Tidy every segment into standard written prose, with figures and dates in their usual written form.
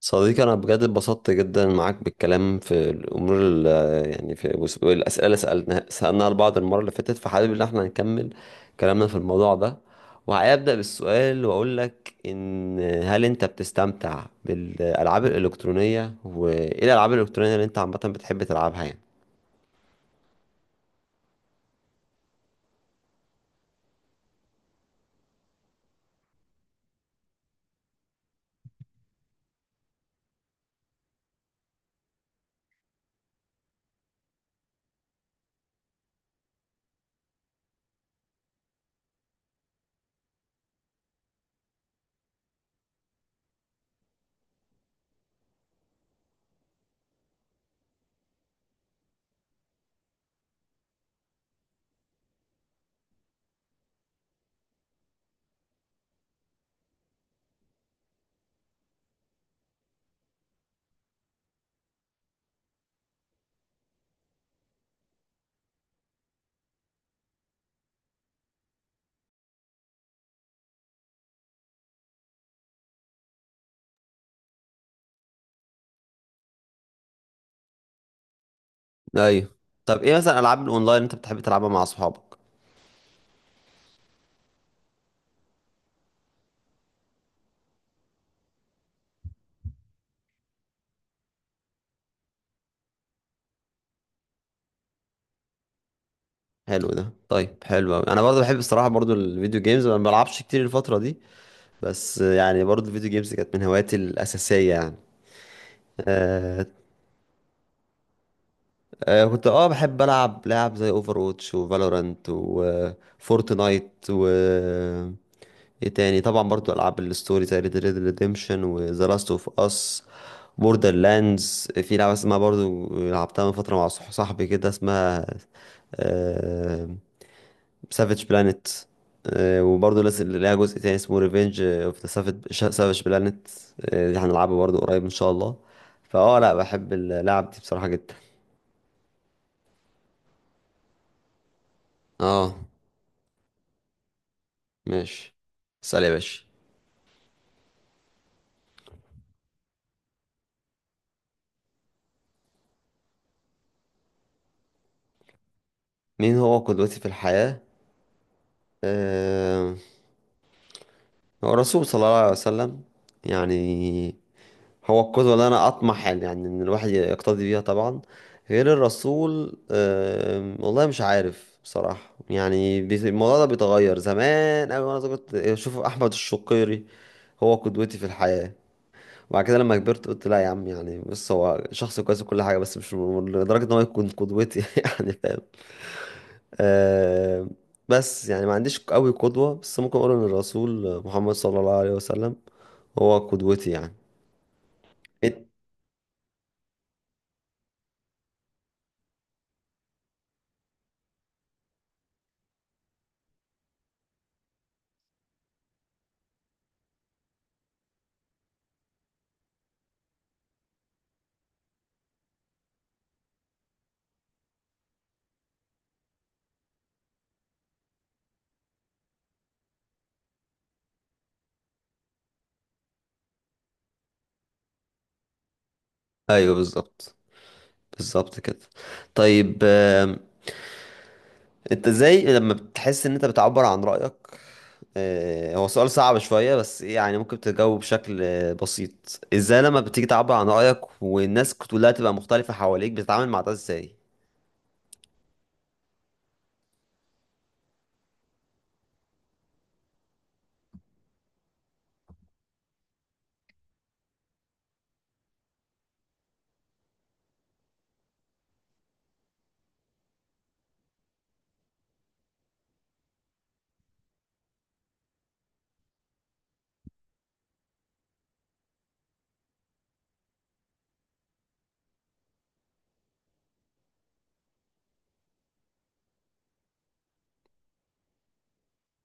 صديقي أنا بجد اتبسطت جدا معاك بالكلام في الأمور والأسئلة اللي سألناها لبعض المرة اللي فاتت، فحابب إن احنا نكمل كلامنا في الموضوع ده. وهبدأ بالسؤال وأقول لك إن هل أنت بتستمتع بالألعاب الإلكترونية؟ وإيه الألعاب الإلكترونية اللي أنت عامة بتحب تلعبها يعني؟ ايوه. طب إيه مثلا الألعاب الأونلاين اللي أنت بتحب تلعبها مع أصحابك؟ حلو ده، طيب حلو أوي. أنا برضه بحب الصراحة، برضه الفيديو جيمز، أنا ما بلعبش كتير الفترة دي، بس يعني برضه الفيديو جيمز كانت من هواياتي الأساسية يعني. آه. كنت بحب ألعب لعب زي اوفر ووتش وفالورانت وفورتنايت، و آه، ايه تاني، طبعا برضه ألعاب الستوري زي ريد ريد ريديمشن وذا لاست اوف اس بوردر لاندز. في لعبة اسمها برضه لعبتها من فترة مع صاحبي كده، اسمها آه، سافيج بلانيت، وبرضه لسه ليها جزء تاني اسمه ريفينج اوف ذا سافيج بلانيت، دي هنلعبه برضه قريب ان شاء الله. لا بحب اللعب دي بصراحة جدا. اه، ماشي. اسأل يا باشا. مين هو قدوتي في الحياة؟ آه، هو الرسول صلى الله عليه وسلم يعني. هو القدوة اللي أنا أطمح يعني إن الواحد يقتدي بيها طبعا. غير الرسول، والله مش عارف بصراحة يعني، الموضوع ده بيتغير. زمان أوي وأنا صغير كنت أشوف أحمد الشقيري هو قدوتي في الحياة، وبعد كده لما كبرت قلت لا يا عم، يعني بص هو شخص كويس وكل حاجة بس مش م- لدرجة إن هو يكون قدوتي يعني فاهم. آم، بس يعني ما عنديش قوي قدوة، بس ممكن أقول إن الرسول محمد صلى الله عليه وسلم هو قدوتي يعني. إنت- ايوه بالظبط، بالظبط كده. طيب، انت ازاي لما بتحس ان انت بتعبر عن رأيك، هو سؤال صعب شوية بس يعني ممكن تجاوب بشكل بسيط، ازاي لما بتيجي تعبر عن رأيك والناس كلها تبقى مختلفة حواليك بتتعامل مع ده ازاي؟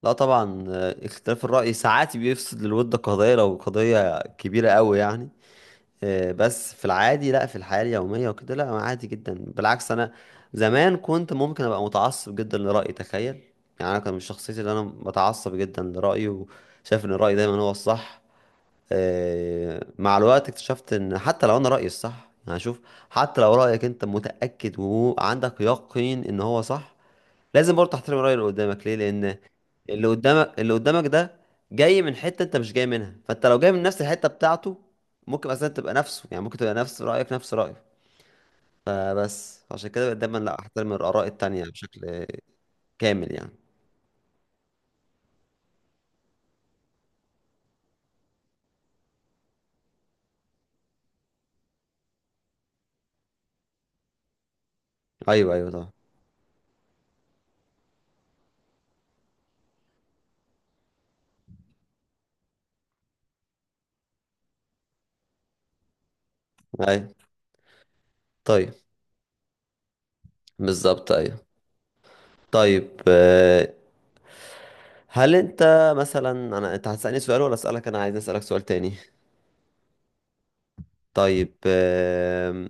لا طبعا، اختلاف الرأي ساعات بيفسد للود قضية لو قضية كبيرة قوي يعني. بس في العادي لا، في الحياة اليومية وكده لا، أنا عادي جدا. بالعكس، أنا زمان كنت ممكن أبقى متعصب جدا لرأيي، تخيل. يعني أنا كان من شخصيتي اللي أنا بتعصب جدا لرأيي وشايف إن الرأي دايما هو الصح. مع الوقت اكتشفت ان حتى لو انا رأيي الصح، يعني شوف، حتى لو رأيك انت متأكد وعندك يقين ان هو صح، لازم برضه تحترم الرأي اللي قدامك. ليه؟ لان اللي قدامك ده جاي من حتة انت مش جاي منها، فانت لو جاي من نفس الحتة بتاعته ممكن اصلا تبقى نفسه، يعني ممكن تبقى نفس رأيك نفس رأيه. فبس عشان كده بقيت دايما لا، احترم الآراء التانية بشكل كامل يعني. ايوه، ايوه طبعا. ايوه. طيب بالظبط، ايوه. طيب، هل انت مثلا، انا انت هتسألني سؤال ولا اسألك؟ انا عايز اسألك سؤال تاني. طيب،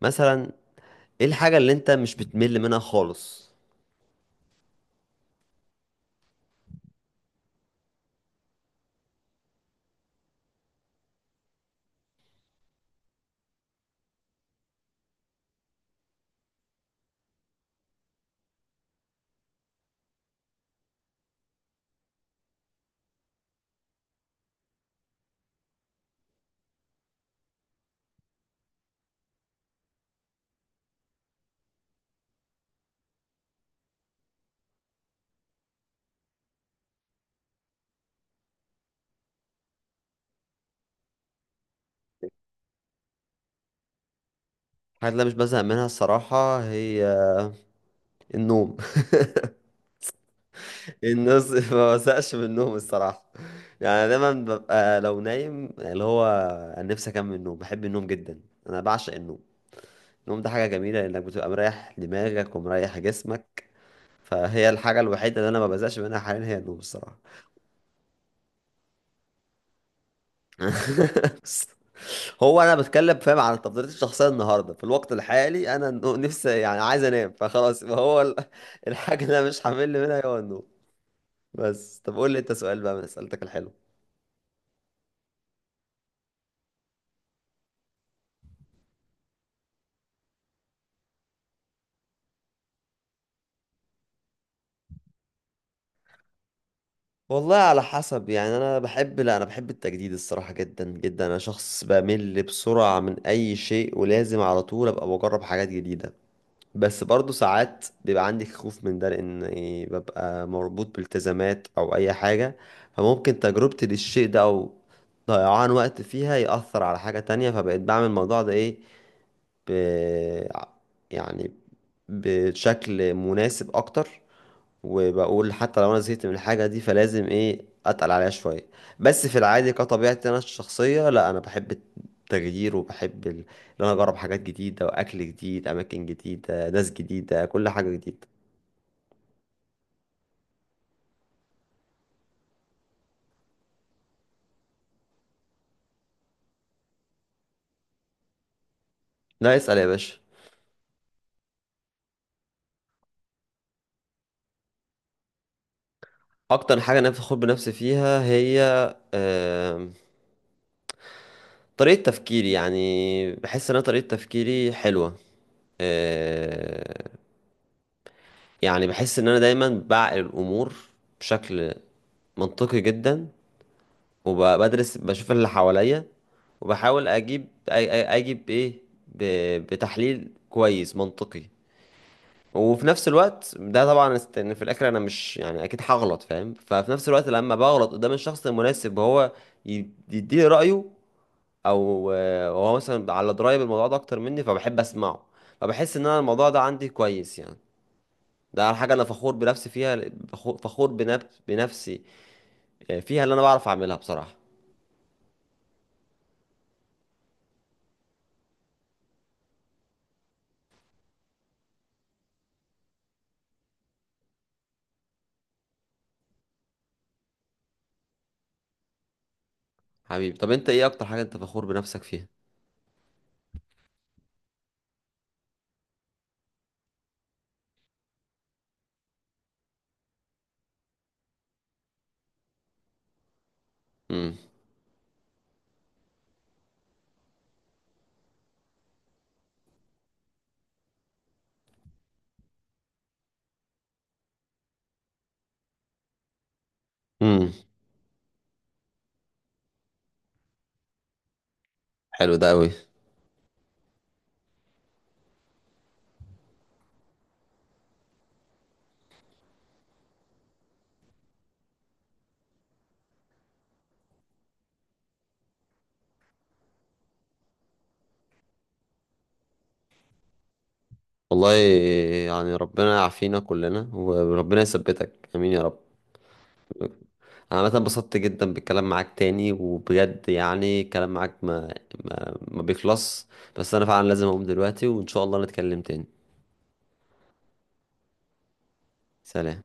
مثلا ايه الحاجة اللي انت مش بتمل منها خالص؟ الحاجة اللي أنا مش بزهق منها الصراحة هي النوم. الناس ما بزهقش من النوم الصراحة، يعني أنا دايما ببقى لو نايم اللي هو انا نفسي اكمل النوم. بحب النوم جدا، انا بعشق النوم. النوم ده حاجة جميلة لانك بتبقى مريح دماغك ومريح جسمك. فهي الحاجة الوحيدة اللي انا ما بزهقش منها حاليا هي النوم الصراحة. هو انا بتكلم فاهم على تفضيلاتي الشخصيه النهارده في الوقت الحالي، انا نفسي يعني عايز انام فخلاص. الحاجه اللي انا مش هعمل منها هو النوم. بس طب قول لي انت سؤال بقى من اسئلتك الحلوه. والله على حسب يعني، انا بحب لا انا بحب التجديد الصراحه جدا جدا. انا شخص بمل بسرعه من اي شيء، ولازم على طول ابقى بجرب حاجات جديده. بس برضو ساعات بيبقى عندي خوف من ده، لان إيه، ببقى مربوط بالتزامات او اي حاجة، فممكن تجربتي للشيء ده او ضيعان وقت فيها يأثر على حاجة تانية. فبقيت بعمل الموضوع ده ايه، ب... يعني بشكل مناسب اكتر. وبقول حتى لو انا زهقت من الحاجه دي فلازم ايه، اتقل عليها شويه. بس في العادي كطبيعتي انا الشخصيه لا، انا بحب التغيير وبحب ال- ان انا اجرب حاجات جديده، واكل جديد، اماكن جديده، ناس جديده، كل حاجه جديده. لا اسال يا باشا. اكتر حاجه انا بفخر بنفسي فيها هي، آم، طريقه تفكيري. يعني بحس ان انا طريقه تفكيري حلوه. آه، يعني بحس ان انا دايما بعقل الامور بشكل منطقي جدا، وبدرس بشوف اللي حواليا وبحاول اجيب اجيب ايه، بتحليل كويس منطقي. وفي نفس الوقت ده طبعا ان في الاخر انا مش يعني اكيد هغلط فاهم، ففي نفس الوقت لما بغلط قدام الشخص المناسب وهو يديني رايه، او هو مثلا على درايه بالموضوع ده اكتر مني فبحب اسمعه. فبحس ان انا الموضوع ده عندي كويس يعني. ده على حاجه انا فخور بنفسي فيها، فخور بنفسي فيها، اللي انا بعرف اعملها بصراحه. حبيبي، طب انت ايه اكتر حاجة انت فخور بنفسك فيها؟ امم. امم. حلو ده قوي. والله يعني ربنا يعافينا كلنا وربنا يثبتك، امين يا رب. انا عامه انبسطت جدا بالكلام معاك تاني، وبجد يعني الكلام معاك ما بيخلص، بس انا فعلا لازم اقوم دلوقتي، وان شاء الله نتكلم تاني. سلام.